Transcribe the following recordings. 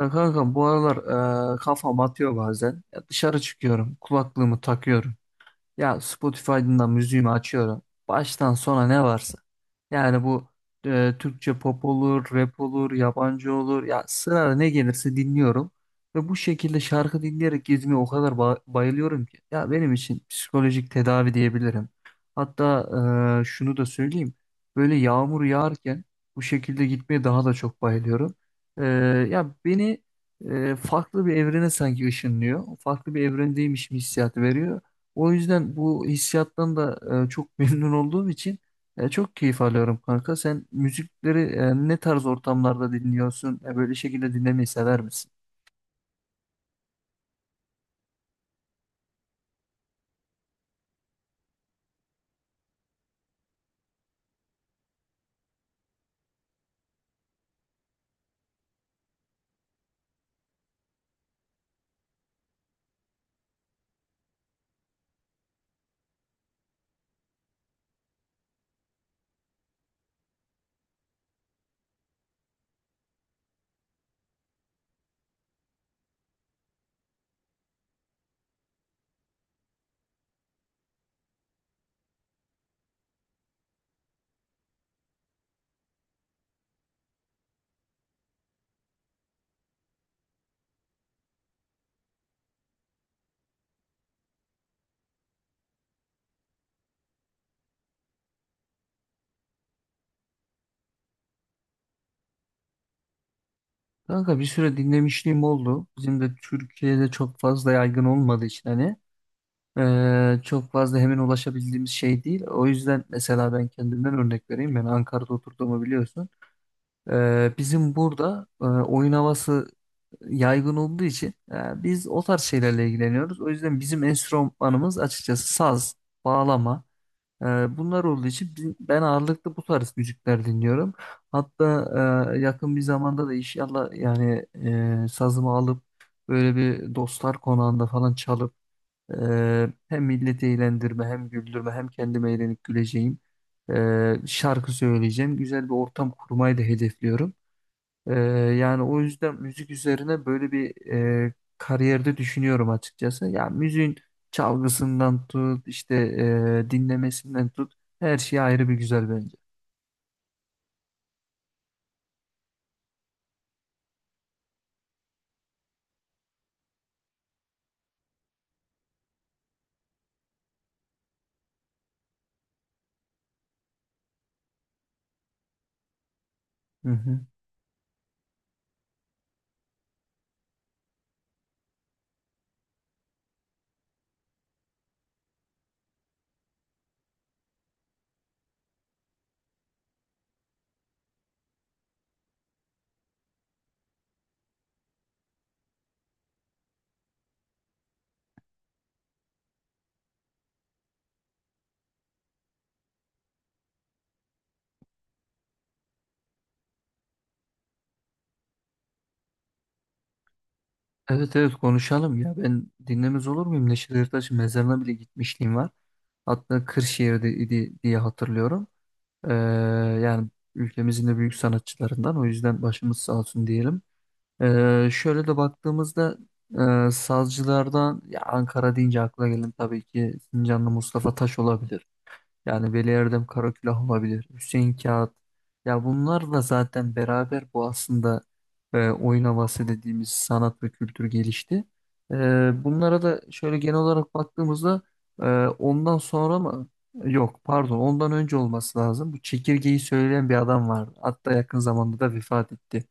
Ya kanka bu aralar kafam atıyor bazen. Ya dışarı çıkıyorum, kulaklığımı takıyorum. Ya Spotify'dan da müziğimi açıyorum. Baştan sona ne varsa. Yani bu Türkçe pop olur, rap olur, yabancı olur. Ya sırada ne gelirse dinliyorum. Ve bu şekilde şarkı dinleyerek gezmeye o kadar bayılıyorum ki. Ya benim için psikolojik tedavi diyebilirim. Hatta şunu da söyleyeyim. Böyle yağmur yağarken bu şekilde gitmeye daha da çok bayılıyorum. E, ya beni farklı bir evrene sanki ışınlıyor. Farklı bir evrendeymişim hissiyatı veriyor. O yüzden bu hissiyattan da çok memnun olduğum için çok keyif alıyorum kanka. Sen müzikleri ne tarz ortamlarda dinliyorsun? Böyle şekilde dinlemeyi sever misin? Kanka bir süre dinlemişliğim oldu. Bizim de Türkiye'de çok fazla yaygın olmadığı için hani çok fazla hemen ulaşabildiğimiz şey değil. O yüzden mesela ben kendimden örnek vereyim. Ben Ankara'da oturduğumu biliyorsun. Bizim burada oyun havası yaygın olduğu için biz o tarz şeylerle ilgileniyoruz. O yüzden bizim enstrümanımız açıkçası saz, bağlama. e, bunlar olduğu için ben ağırlıklı bu tarz müzikler dinliyorum. Hatta yakın bir zamanda da inşallah yani sazımı alıp böyle bir dostlar konağında falan çalıp hem milleti eğlendirme hem güldürme hem kendime eğlenip güleceğim şarkı söyleyeceğim. Güzel bir ortam kurmayı da hedefliyorum. Ee, yani o yüzden müzik üzerine böyle bir kariyerde düşünüyorum açıkçası. Ya müziğin çalgısından tut, işte dinlemesinden tut, her şey ayrı bir güzel bence. Hı hı. Evet, evet, konuşalım ya. Ben dinlemez olur muyum? Neşet Ertaş'ın mezarına bile gitmişliğim var. Hatta Kırşehir'de idi diye hatırlıyorum. Ee, yani ülkemizin de büyük sanatçılarından. O yüzden başımız sağ olsun diyelim. Şöyle de baktığımızda sazcılardan ya Ankara deyince akla gelen tabii ki Sincanlı Mustafa Taş olabilir. Yani Veli Erdem Karakulah olabilir. Hüseyin Kağıt. Ya bunlarla zaten beraber bu aslında oyun havası dediğimiz sanat ve kültür gelişti. E, bunlara da şöyle genel olarak baktığımızda e, ondan sonra mı? Yok, pardon, ondan önce olması lazım. Bu çekirgeyi söyleyen bir adam vardı. Hatta yakın zamanda da vefat etti.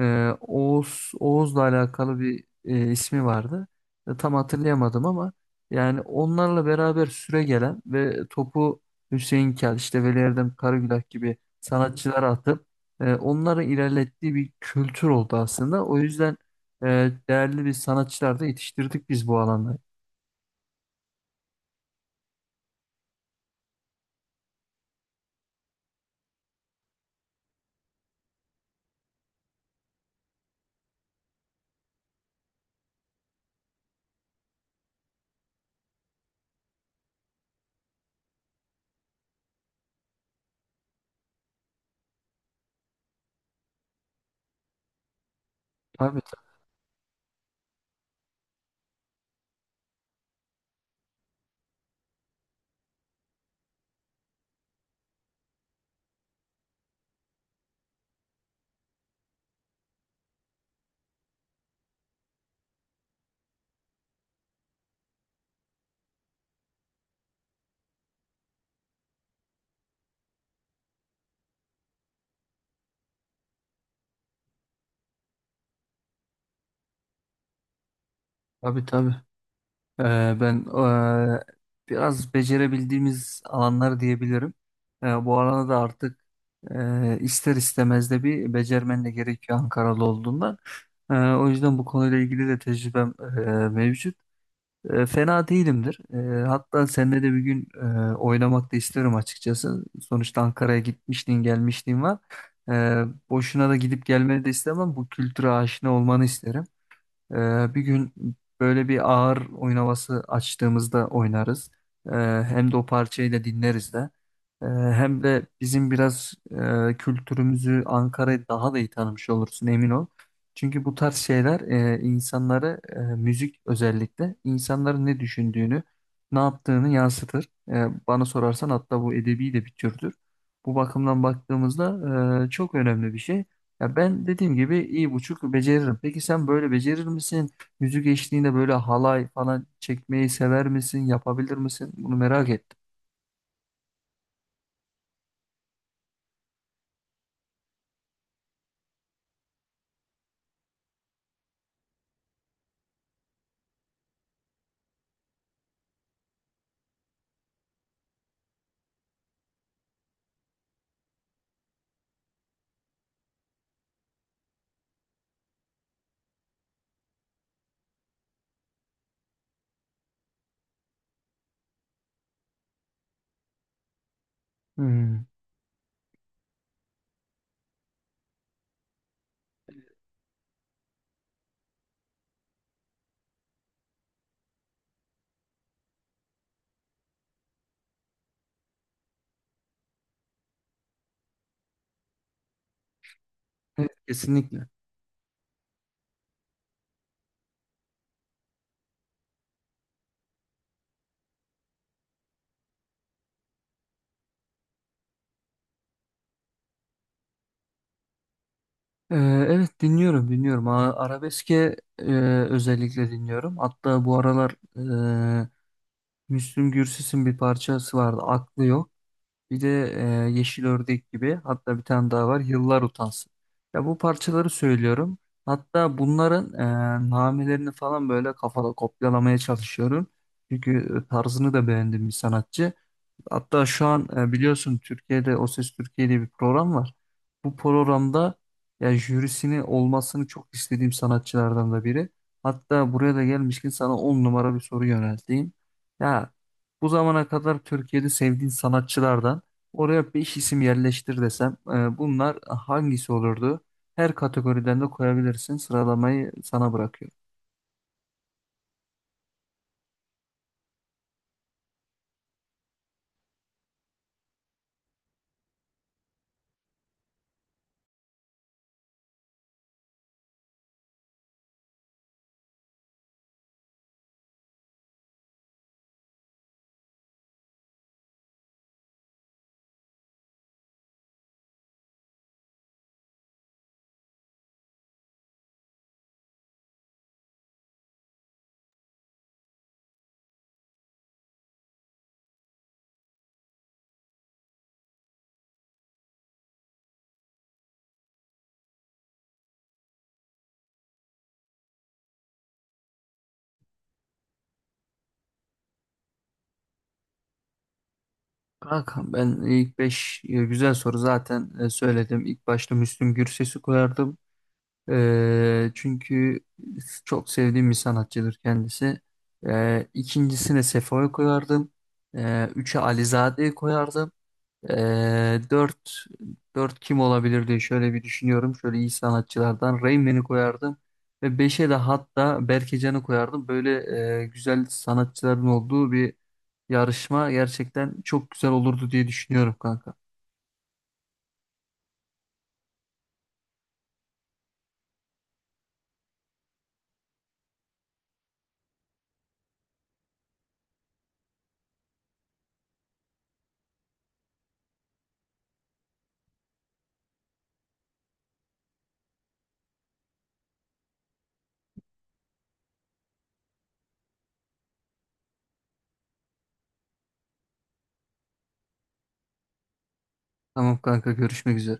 Oğuz Oğuz'la alakalı bir ismi vardı. Tam hatırlayamadım ama yani onlarla beraber süre gelen ve topu Hüseyin Kel, işte Veli Erdem Karagülak gibi sanatçılara atıp onların ilerlettiği bir kültür oldu aslında. O yüzden değerli bir sanatçılar da yetiştirdik biz bu alanda. Tabii, tabii, tabii. Tabii. Ee, Ben biraz becerebildiğimiz alanlar diyebilirim. Bu alana da artık ister istemez de bir becermen de gerekiyor Ankaralı olduğundan. O yüzden bu konuyla ilgili de tecrübem mevcut. Fena değilimdir. Hatta seninle de bir gün oynamak da isterim açıkçası. Sonuçta Ankara'ya gitmişliğin gelmişliğin var. Ee, boşuna da gidip gelmeni de istemem. Bu kültüre aşina olmanı isterim. Bir gün böyle bir ağır oyun havası açtığımızda oynarız. Ee, hem de o parçayı da dinleriz de. Hem de bizim biraz kültürümüzü Ankara'yı daha da iyi tanımış olursun, emin ol. Çünkü bu tarz şeyler insanları müzik özellikle insanların ne düşündüğünü, ne yaptığını yansıtır. Bana sorarsan hatta bu edebi de bir türdür. Bu bakımdan baktığımızda çok önemli bir şey. Ya ben dediğim gibi iyi buçuk beceririm. Peki sen böyle becerir misin? Yüzük eşliğinde böyle halay falan çekmeyi sever misin? Yapabilir misin? Bunu merak ettim. Hmm. Evet, kesinlikle. Ee, evet dinliyorum, dinliyorum. Arabeske özellikle dinliyorum. Hatta bu aralar e, Müslüm Gürses'in bir parçası vardı. Aklı yok. Bir de Yeşil Ördek gibi, hatta bir tane daha var, Yıllar Utansın. Ya bu parçaları söylüyorum. Hatta bunların namelerini falan böyle kafada kopyalamaya çalışıyorum. Çünkü tarzını da beğendim bir sanatçı. Hatta şu an biliyorsun Türkiye'de O Ses Türkiye diye bir program var. Bu programda ya jürisini olmasını çok istediğim sanatçılardan da biri. Hatta buraya da gelmişken sana 10 numara bir soru yönelteyim. Ya bu zamana kadar Türkiye'de sevdiğin sanatçılardan oraya 5 isim yerleştir desem bunlar hangisi olurdu? Her kategoriden de koyabilirsin. Sıralamayı sana bırakıyorum. Kankam ben ilk 5 güzel soru zaten söyledim. İlk başta Müslüm Gürses'i koyardım. Çünkü çok sevdiğim bir sanatçıdır kendisi. İkincisine Sefo'yu koyardım. Üçe Alizade'yi koyardım. Ee, dört, dört kim olabilir diye şöyle bir düşünüyorum. Şöyle iyi sanatçılardan Rayman'i koyardım. Ve beşe de hatta Berkecanı koyardım. Böyle güzel sanatçıların olduğu bir yarışma gerçekten çok güzel olurdu diye düşünüyorum kanka. Tamam kanka, görüşmek üzere.